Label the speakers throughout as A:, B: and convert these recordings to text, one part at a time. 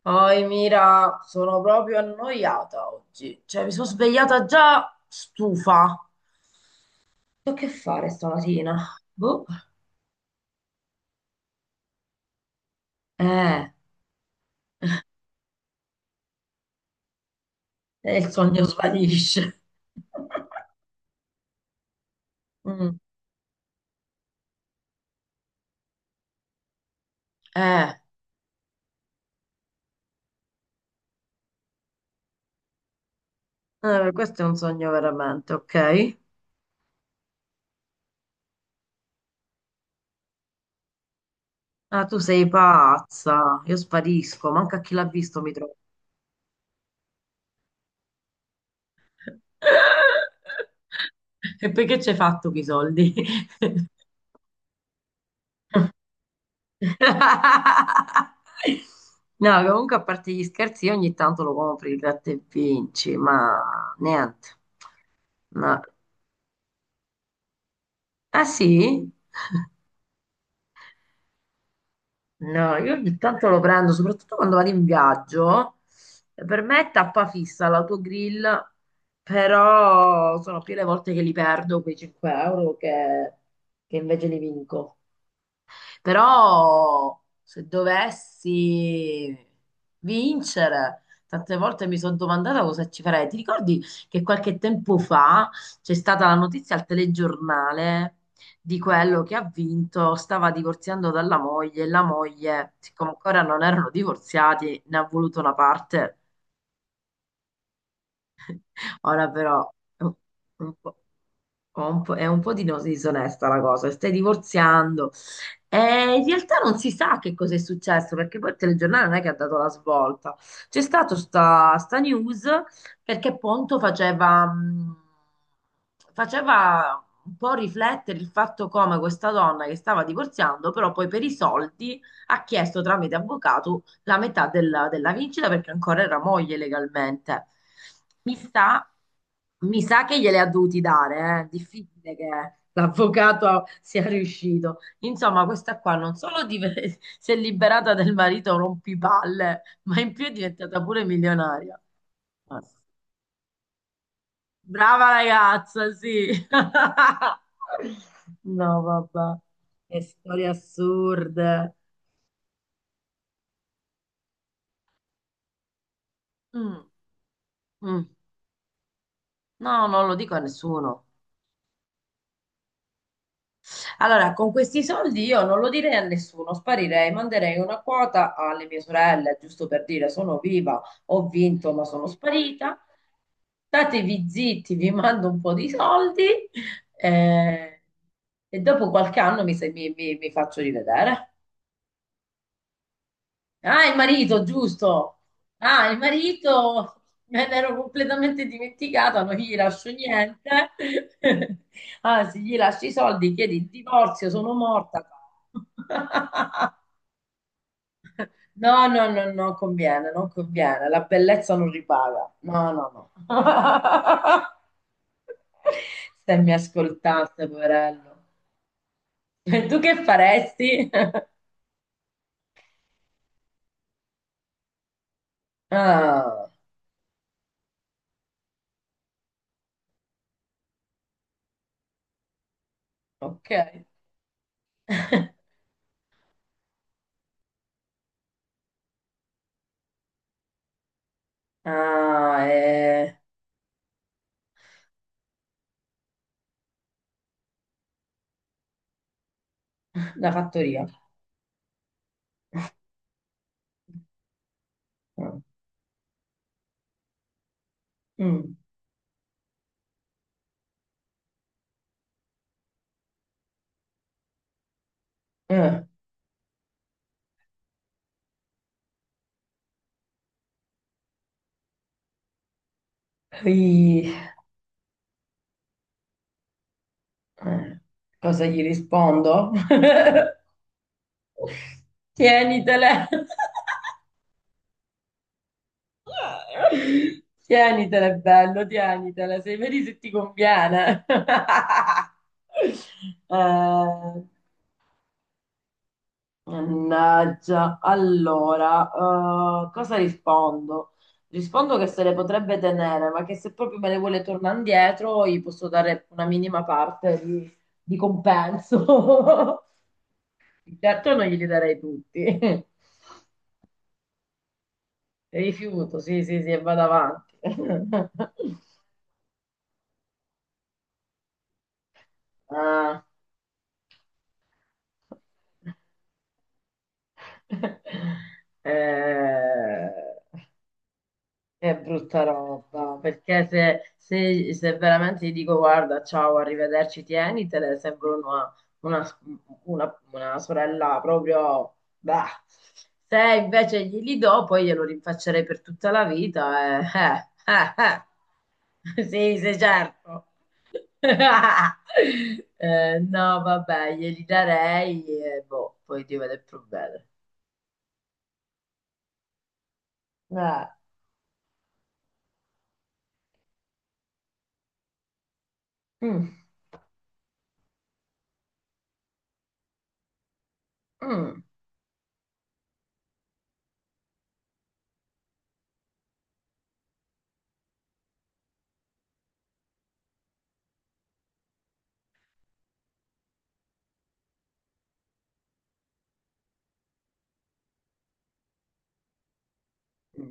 A: Poi Mira, sono proprio annoiata oggi. Cioè, mi sono svegliata già stufa. So che fare stamattina? Boh. Eh, e il sogno svanisce. Mm, eh, questo è un sogno veramente, ok? Ah, tu sei pazza. Io sparisco, manca chi l'ha visto mi trovo. E poi che ci hai fatto con i soldi? No, comunque a parte gli scherzi, io ogni tanto lo compro il gratta e vinci, ma niente. No. Ah sì? No, io ogni tanto lo prendo, soprattutto quando vado in viaggio. Per me è tappa fissa l'autogrill, però sono più le volte che li perdo quei 5 euro che invece li vinco. Però se dovessi vincere, tante volte mi sono domandata cosa ci farei. Ti ricordi che qualche tempo fa c'è stata la notizia al telegiornale di quello che ha vinto, stava divorziando dalla moglie e la moglie, siccome ancora non erano divorziati, ne ha voluto una parte. Ora però è un po'. È un po' di disonesta la cosa, stai divorziando. E in realtà non si sa che cosa è successo, perché poi il telegiornale non è che ha dato la svolta. C'è stata sta news perché Ponto faceva, faceva un po' riflettere il fatto come questa donna che stava divorziando, però poi per i soldi ha chiesto tramite avvocato la metà della vincita perché ancora era moglie legalmente. Mi sa, Mi sa che gliele ha dovuti dare, eh. Difficile che l'avvocato sia riuscito. Insomma, questa qua non solo si è liberata del marito rompipalle, ma in più è diventata pure milionaria. Brava ragazza, sì. No, vabbè, che storie assurde. Mm, mm. No, non lo dico a nessuno. Allora, con questi soldi io non lo direi a nessuno, sparirei, manderei una quota alle mie sorelle, giusto per dire sono viva, ho vinto, ma sono sparita. Statevi zitti, vi mando un po' di soldi eh, e dopo qualche anno mi, se- mi mi- mi faccio rivedere. Ah, il marito, giusto. Ah, il marito, me l'ero completamente dimenticata, non gli lascio niente. Anzi, gli lascio i soldi, chiedi il divorzio, sono morta. No, no, no, non conviene, non conviene. La bellezza non ripaga. No, no, no. Se mi ascoltasse, poverello. E tu che faresti? Ah, ok. Ah, eh. La fattoria. Mm. Mm. Eh. Poi, eh. Cosa gli rispondo? Tienitele. Tienitele, bello, tienitele. Sei vedi se ti conviene. Eh, Mannaggia, allora, cosa rispondo? Rispondo che se le potrebbe tenere, ma che se proprio me le vuole tornare indietro, gli posso dare una minima parte di compenso. Certo non glieli darei tutti. Rifiuto, sì, sì, sì, e vado avanti. Ah. Eh, È brutta roba, perché se veramente gli dico guarda, ciao, arrivederci, tienitele, sembra una, una- una sorella proprio... bah. Se invece glieli do, poi glielo rinfaccerei per tutta la vita. Eh, eh. Sì, sì, certo. No, vabbè, glieli darei e boh, poi Dio vede il problema. Mm, mm.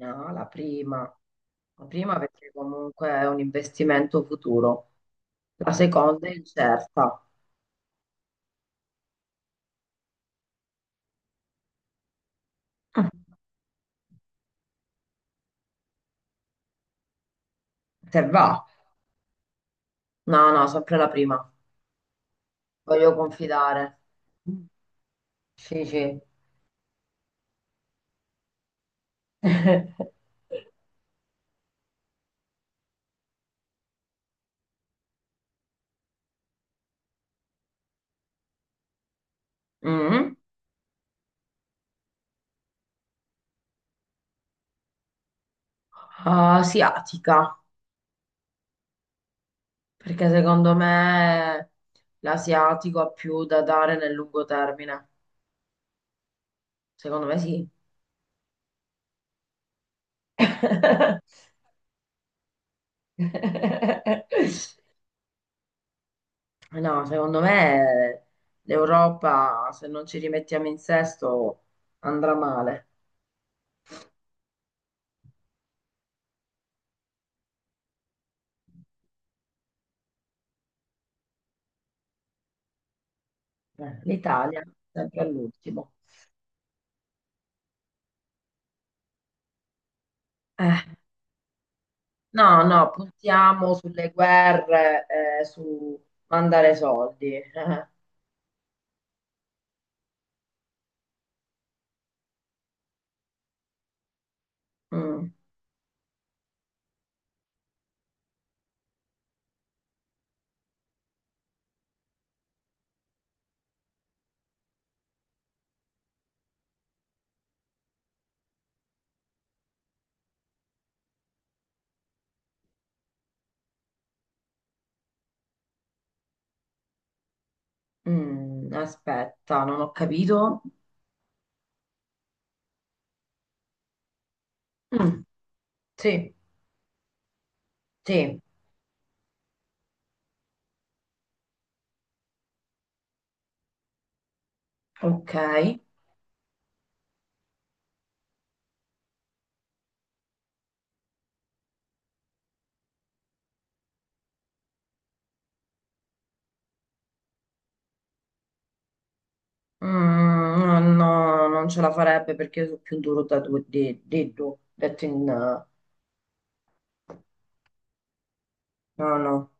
A: No, la prima. La prima perché comunque è un investimento futuro. La seconda è incerta. Ah, se va. No, no, sempre la prima. Voglio confidare. Mm. Sì, sì. Mm. Asiatica, perché secondo me l'asiatico ha più da dare nel lungo termine. Secondo me sì. No, secondo me l'Europa, se non ci rimettiamo in sesto, andrà male. L'Italia, sempre all'ultimo. Eh, no, no, puntiamo sulle guerre, su mandare soldi. Mm, mm, aspetta, non ho capito. Mm, sì, sì, ok. Mm, no, no, non ce la farebbe perché io sono più duro da due, di due, detto in... No, no,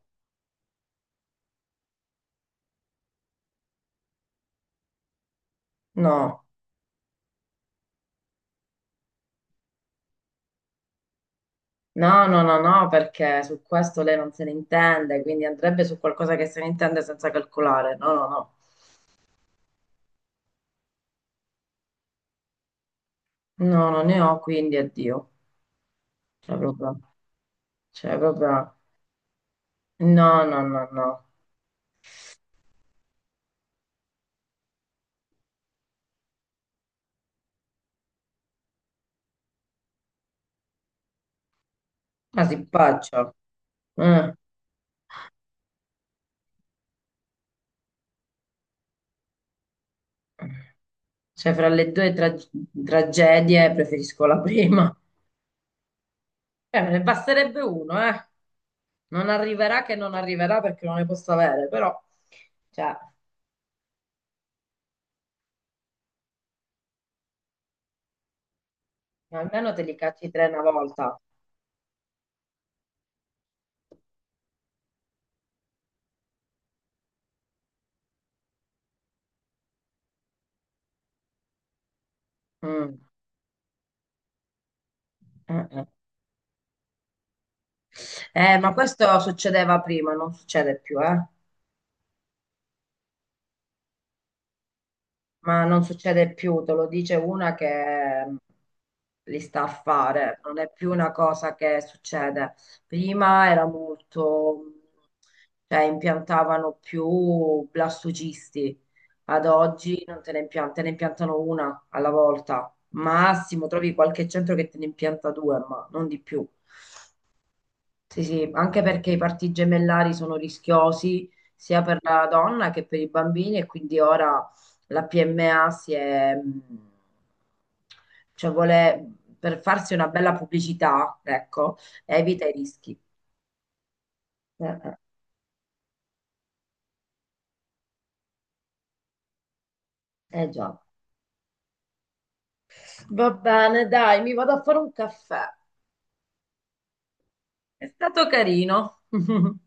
A: no. No, no, no, no, perché su questo lei non se ne intende, quindi andrebbe su qualcosa che se ne intende senza calcolare. No, no, no. No, non ne ho, quindi addio. Cioè, proprio, cioè, proprio, no, no, no, no. Ma si impaccia. Eh. Cioè, fra le due tragedie preferisco la prima. Me ne basterebbe uno, eh. Non arriverà che non arriverà perché non ne posso avere, però, cioè, almeno te li cacci tre una volta. Mm. Eh. Ma questo succedeva prima, non succede più, eh. Ma non succede più, te lo dice una che li sta a fare, non è più una cosa che succede. Prima era molto, cioè impiantavano più blastocisti, ad oggi non te ne impiantano, te ne impiantano una alla volta, massimo trovi qualche centro che te ne impianta due, ma non di più. Sì, sì, anche perché i parti gemellari sono rischiosi sia per la donna che per i bambini e quindi ora la PMA si è, cioè vuole, per farsi una bella pubblicità, ecco, evita i rischi. Eh, eh, eh già. Va bene, dai, mi vado a fare un caffè. È stato carino.